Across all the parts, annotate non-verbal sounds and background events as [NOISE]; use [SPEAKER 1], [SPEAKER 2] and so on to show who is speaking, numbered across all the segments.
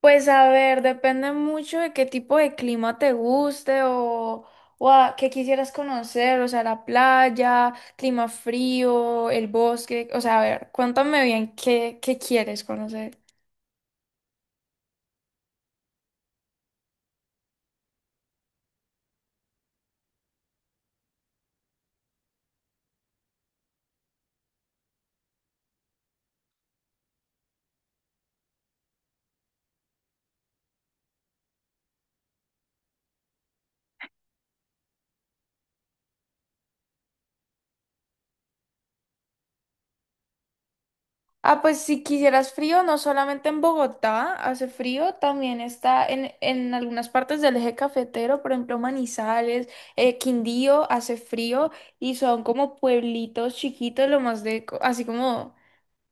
[SPEAKER 1] Pues a ver, depende mucho de qué tipo de clima te guste o a qué quisieras conocer, o sea, la playa, clima frío, el bosque, o sea, a ver, cuéntame bien qué quieres conocer. Ah, pues si quisieras frío, no solamente en Bogotá hace frío, también está en algunas partes del eje cafetero, por ejemplo, Manizales, Quindío hace frío y son como pueblitos chiquitos, lo más así como...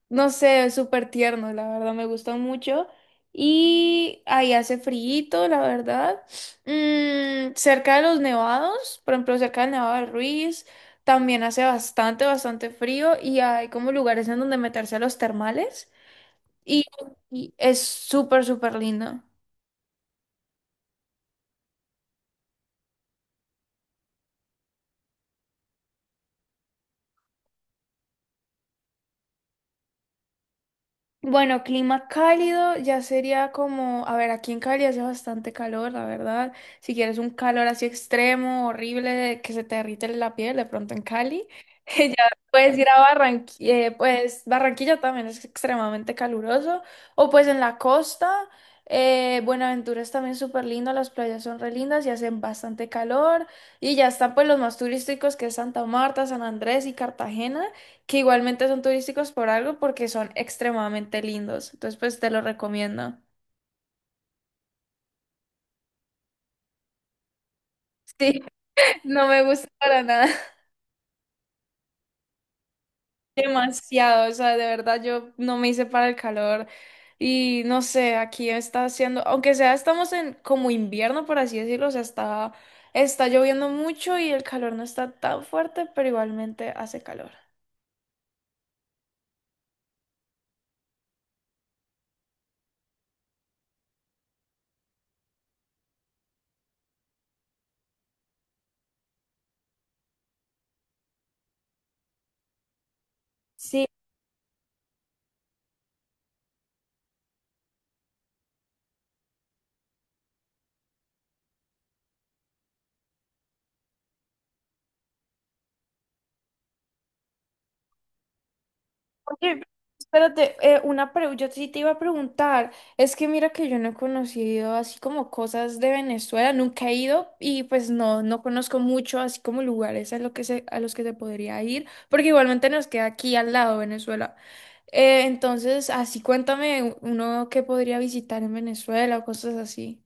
[SPEAKER 1] No sé, es súper tierno, la verdad, me gusta mucho. Y ahí hace frío la verdad. Mm, cerca de los nevados, por ejemplo, cerca del Nevado del Ruiz, también hace bastante, bastante frío y hay como lugares en donde meterse a los termales. Y, y es súper, súper lindo. Bueno, clima cálido ya sería como, a ver, aquí en Cali hace bastante calor, la verdad. Si quieres un calor así extremo, horrible, de que se te derrite la piel, de pronto en Cali, [LAUGHS] ya puedes ir a Barranquilla, pues Barranquilla también es extremadamente caluroso, o pues en la costa, Buenaventura es también súper lindo, las playas son re lindas y hacen bastante calor, y ya están pues los más turísticos que es Santa Marta, San Andrés y Cartagena que igualmente son turísticos por algo porque son extremadamente lindos. Entonces, pues te lo recomiendo. Sí, [LAUGHS] no me gusta para nada. [LAUGHS] Demasiado, o sea, de verdad yo no me hice para el calor y no sé, aquí está haciendo, aunque sea estamos en como invierno, por así decirlo, o sea, está lloviendo mucho y el calor no está tan fuerte, pero igualmente hace calor. Sí. Oye, espérate, yo sí te iba a preguntar, es que mira que yo no he conocido así como cosas de Venezuela, nunca he ido y pues no conozco mucho así como lugares a, lo que se, a los que se podría ir, porque igualmente nos queda aquí al lado Venezuela. Entonces, así cuéntame uno que podría visitar en Venezuela o cosas así.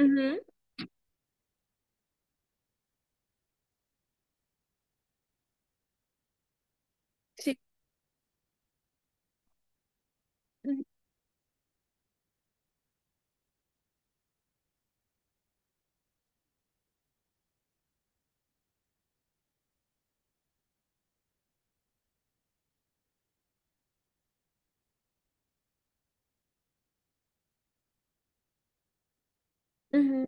[SPEAKER 1] Ujú, sí. Ujú, ujú,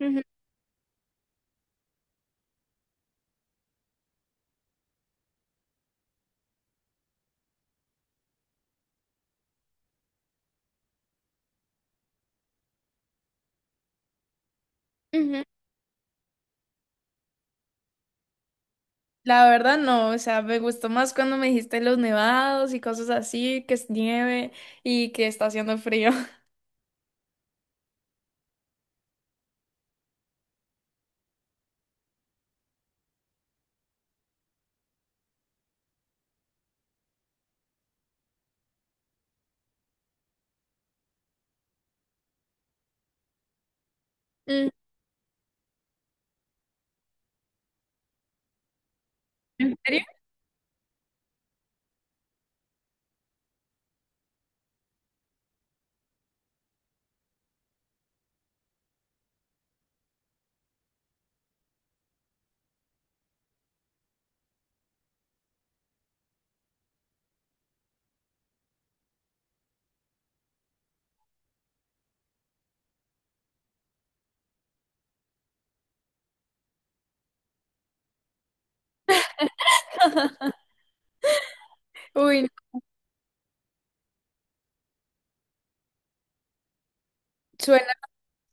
[SPEAKER 1] ujú, ujú. La verdad no, o sea, me gustó más cuando me dijiste los nevados y cosas así, que es nieve y que está haciendo frío. [LAUGHS] Mm. ¿En serio? Uy, no, suena,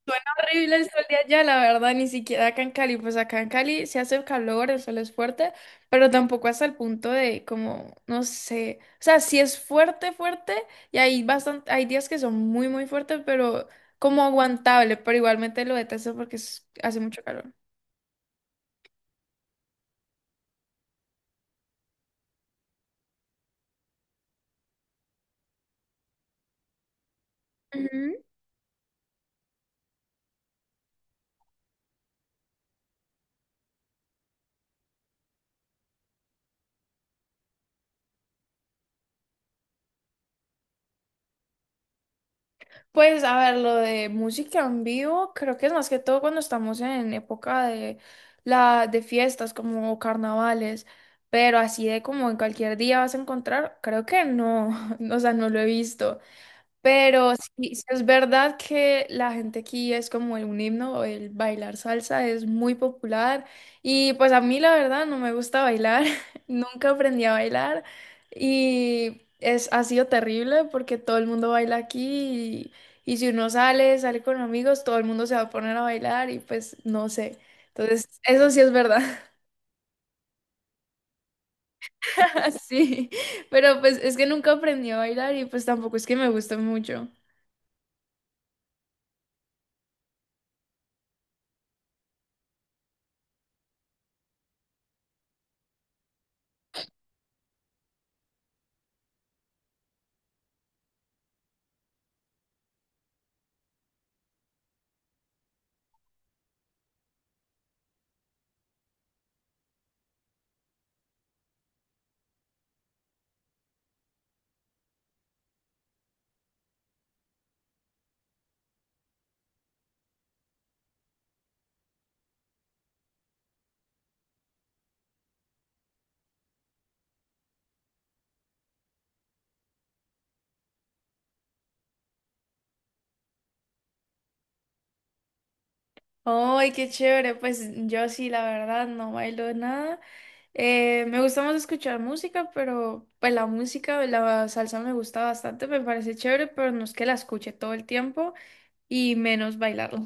[SPEAKER 1] suena horrible el sol de allá, la verdad, ni siquiera acá en Cali, pues acá en Cali se hace calor, el sol es fuerte, pero tampoco hasta el punto de como, no sé, o sea, sí es fuerte, fuerte, y hay bastante, hay días que son muy, muy fuertes, pero como aguantable, pero igualmente lo detesto porque hace mucho calor. Pues a ver, lo de música en vivo, creo que es más que todo cuando estamos en época de la de fiestas como carnavales, pero así de como en cualquier día vas a encontrar, creo que no, [LAUGHS] o sea, no lo he visto. Pero sí, sí es verdad que la gente aquí es como el un himno, el bailar salsa es muy popular y pues a mí la verdad no me gusta bailar, [LAUGHS] nunca aprendí a bailar y es, ha sido terrible porque todo el mundo baila aquí y si uno sale, sale con amigos, todo el mundo se va a poner a bailar y pues no sé. Entonces, eso sí es verdad, [LAUGHS] sí, pero pues es que nunca aprendí a bailar y pues tampoco es que me guste mucho. Ay, qué chévere. Pues yo sí, la verdad, no bailo nada. Me gusta más escuchar música, pero pues la música, la salsa me gusta bastante, me parece chévere, pero no es que la escuche todo el tiempo y menos bailarla.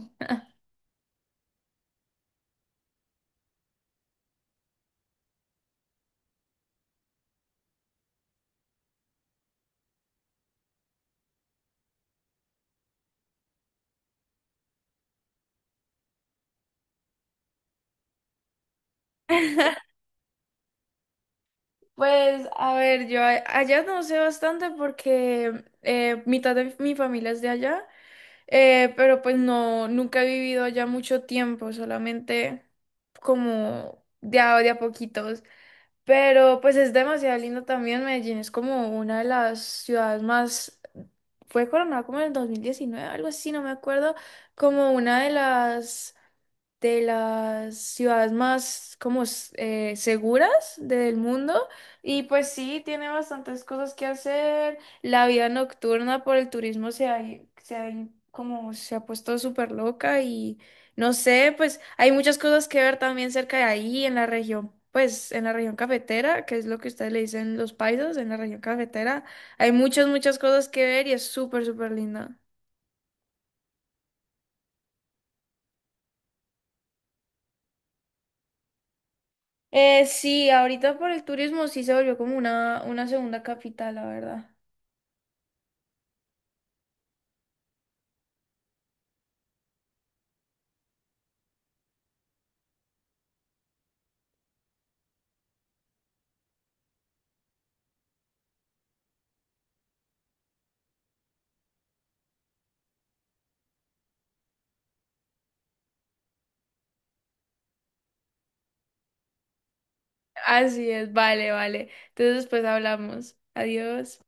[SPEAKER 1] [LAUGHS] Pues a ver, yo allá no sé bastante porque mitad de mi familia es de allá, pero pues no, nunca he vivido allá mucho tiempo, solamente como de a poquitos. Pero pues es demasiado lindo también. Medellín es como una de las ciudades más... Fue coronada como en el 2019 algo así, no me acuerdo. Como una de las ciudades más seguras del mundo y pues sí, tiene bastantes cosas que hacer. La vida nocturna por el turismo se ha como se ha puesto súper loca y no sé, pues hay muchas cosas que ver también cerca de ahí en la región. Pues en la región cafetera, que es lo que ustedes le dicen los paisas, en la región cafetera, hay muchas, muchas cosas que ver y es súper, súper linda. Sí, ahorita por el turismo sí se volvió como una segunda capital, la verdad. Así es, vale, vale. Entonces después hablamos. Adiós.